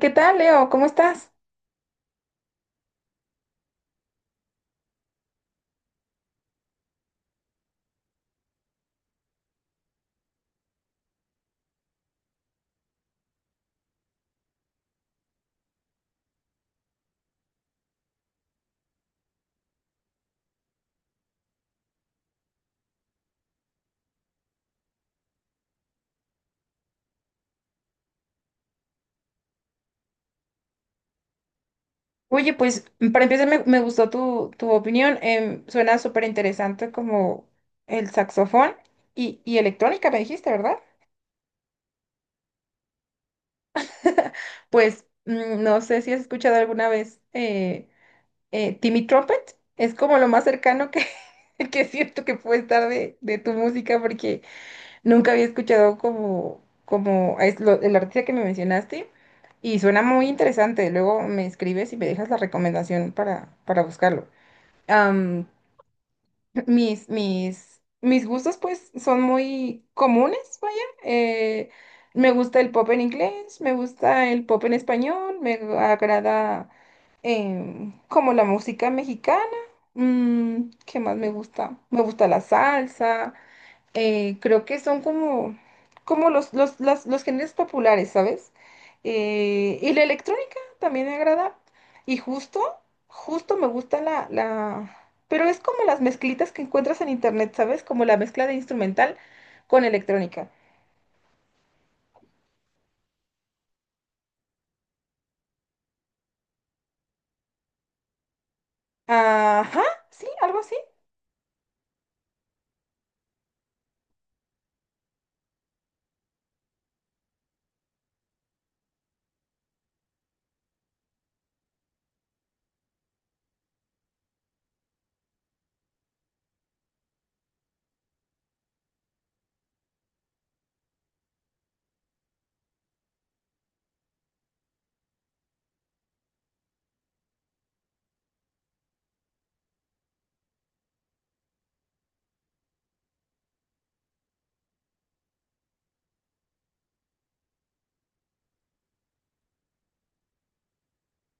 ¿Qué tal, Leo? ¿Cómo estás? Oye, pues para empezar me gustó tu opinión. Suena súper interesante como el saxofón y electrónica, me dijiste, ¿verdad? Pues no sé si has escuchado alguna vez Timmy Trumpet. Es como lo más cercano que siento que puede estar de tu música porque nunca había escuchado como, como el artista que me mencionaste y suena muy interesante. Luego me escribes y me dejas la recomendación para buscarlo. am, mis gustos pues son muy comunes, vaya. eh, Me gusta el pop en inglés, me gusta el pop en español, me agrada, como la música mexicana. ¿Qué más me gusta? Me gusta la salsa. Creo que son como, como los géneros populares, ¿sabes? Y la electrónica también me agrada. Y justo me gusta la. Pero es como las mezclitas que encuentras en internet, ¿sabes? Como la mezcla de instrumental con electrónica. Ajá, sí, algo así.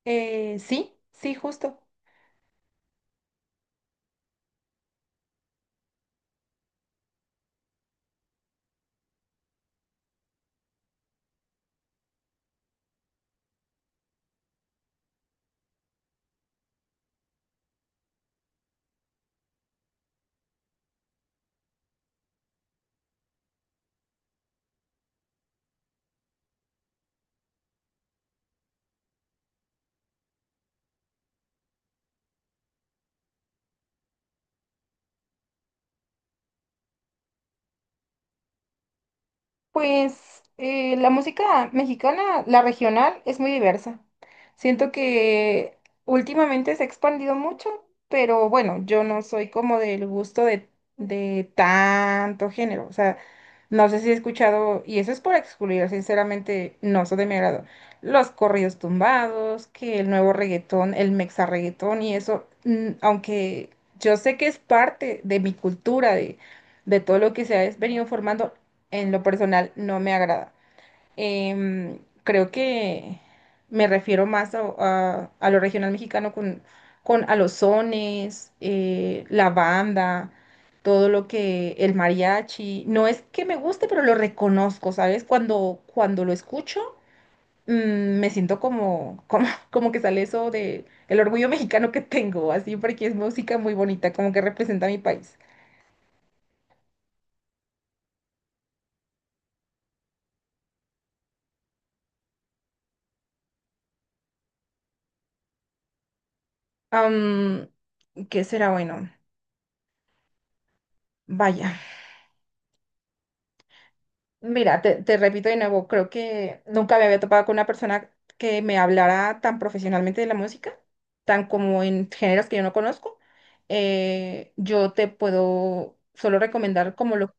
Sí, sí, justo. Pues la música mexicana, la regional, es muy diversa. Siento que últimamente se ha expandido mucho, pero bueno, yo no soy como del gusto de tanto género. O sea, no sé si he escuchado, y eso es por excluir, sinceramente, no son de mi agrado. Los corridos tumbados, que el nuevo reggaetón, el mexa reggaetón y eso, aunque yo sé que es parte de mi cultura, de todo lo que se ha venido formando, en lo personal no me agrada. Em, Creo que me refiero más a, a lo regional mexicano con a los sones, la banda, todo lo que el mariachi. No es que me guste, pero lo reconozco, ¿sabes? Cuando, cuando lo escucho, mm, me siento como, como, como que sale eso de el orgullo mexicano que tengo, así porque es música muy bonita, como que representa a mi país. Am, ¿Qué será bueno? Vaya. Mira, te repito de nuevo, creo que nunca me había topado con una persona que me hablara tan profesionalmente de la música, tan como en géneros que yo no conozco. Yo te puedo solo recomendar como lo...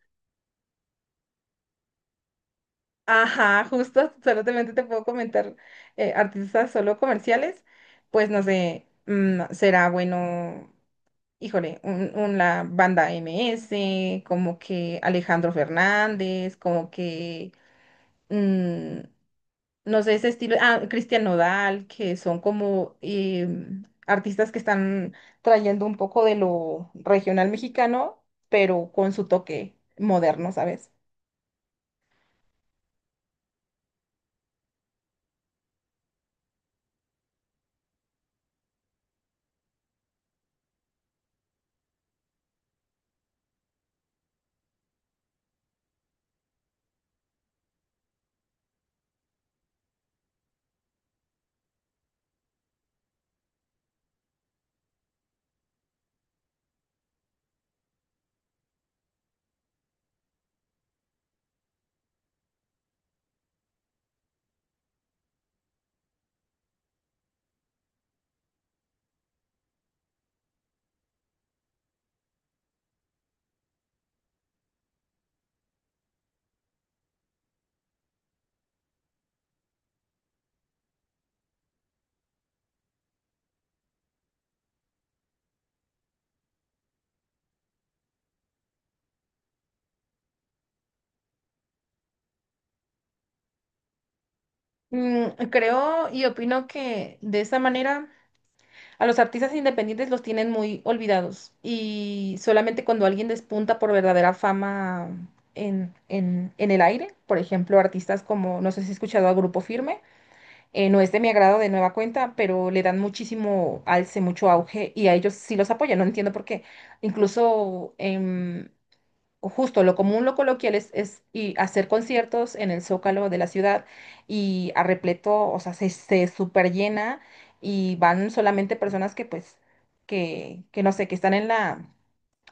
Ajá, justo, solamente te puedo comentar artistas solo comerciales, pues no sé, será bueno, híjole, la banda MS, como que Alejandro Fernández, como que... mm, no sé, ese estilo, ah, Christian Nodal, que son como artistas que están trayendo un poco de lo regional mexicano, pero con su toque moderno, ¿sabes? Creo y opino que de esa manera a los artistas independientes los tienen muy olvidados y solamente cuando alguien despunta por verdadera fama en el aire, por ejemplo, artistas como, no sé si has escuchado a Grupo Firme. No es de mi agrado de nueva cuenta, pero le dan muchísimo alce, mucho auge y a ellos sí los apoyan. No entiendo por qué. Incluso, justo lo común, lo coloquial es y hacer conciertos en el Zócalo de la ciudad y a repleto, o sea, se super llena y van solamente personas que que no sé, que están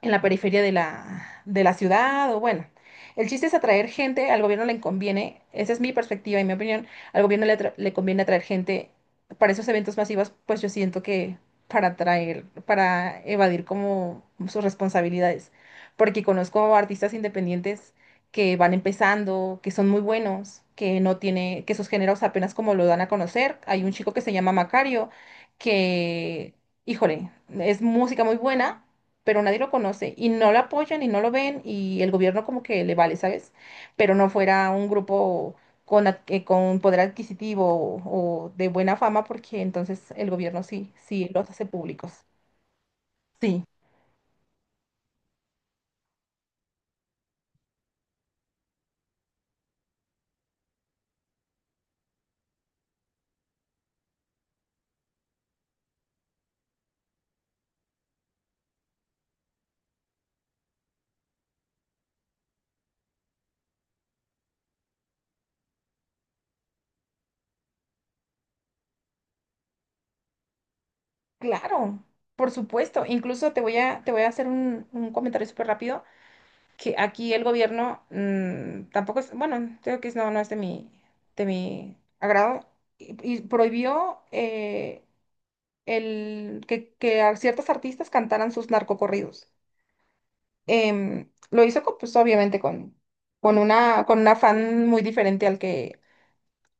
en la periferia de de la ciudad o bueno. El chiste es atraer gente, al gobierno le conviene, esa es mi perspectiva y mi opinión, al gobierno le conviene atraer gente para esos eventos masivos, pues yo siento que para atraer, para evadir como sus responsabilidades, porque conozco artistas independientes que van empezando, que son muy buenos, que no tiene, que sus géneros apenas como lo dan a conocer. Hay un chico que se llama Macario, que, híjole, es música muy buena pero nadie lo conoce y no lo apoyan y no lo ven y el gobierno como que le vale, ¿sabes? Pero no fuera un grupo con poder adquisitivo o de buena fama porque entonces el gobierno sí, sí los hace públicos. Sí, claro, por supuesto. Incluso te voy a hacer un comentario súper rápido que aquí el gobierno tampoco es, bueno, creo que no, no es de mi agrado y prohibió... que a ciertos artistas cantaran sus narcocorridos. Lo hizo, con, pues obviamente, con un afán muy diferente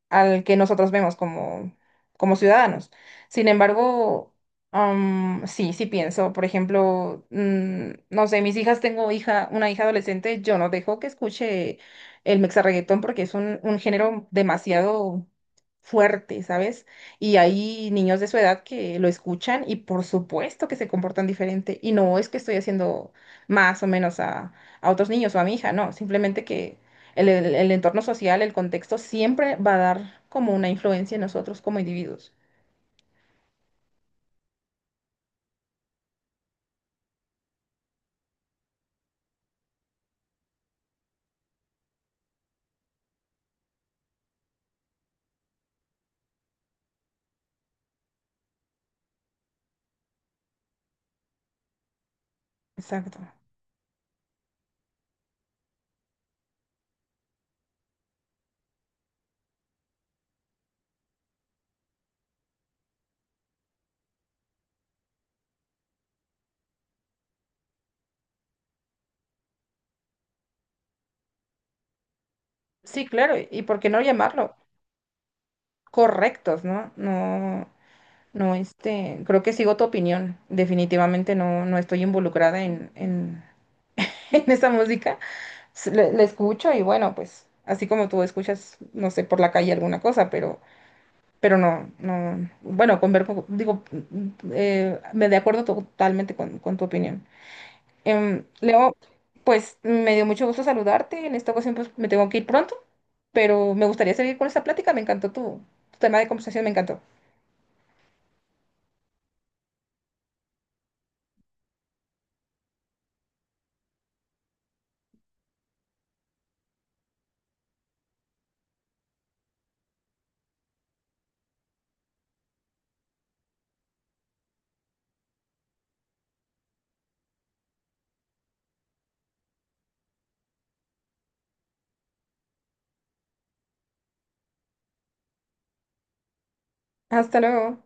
al que nosotros vemos como, como ciudadanos. Sin embargo, sí, sí pienso, por ejemplo, no sé, mis hijas, tengo hija, una hija adolescente, yo no dejo que escuche el mexarreguetón porque es un género demasiado fuerte, ¿sabes? Y hay niños de su edad que lo escuchan y por supuesto que se comportan diferente. Y no es que estoy haciendo más o menos a otros niños o a mi hija, no, simplemente que el, el entorno social, el contexto, siempre va a dar como una influencia en nosotros como individuos. Exacto. Sí, claro, y por qué no llamarlo correctos, ¿no? No, no, este, creo que sigo tu opinión. Definitivamente no, no estoy involucrada en esa música. S- Le escucho y bueno, pues, así como tú escuchas, no sé, por la calle alguna cosa, pero no, no, bueno, digo, me de acuerdo totalmente con tu opinión. Leo, pues me dio mucho gusto saludarte. En esta ocasión pues me tengo que ir pronto, pero me gustaría seguir con esta plática. Me encantó tu, tu tema de conversación, me encantó. Hasta luego.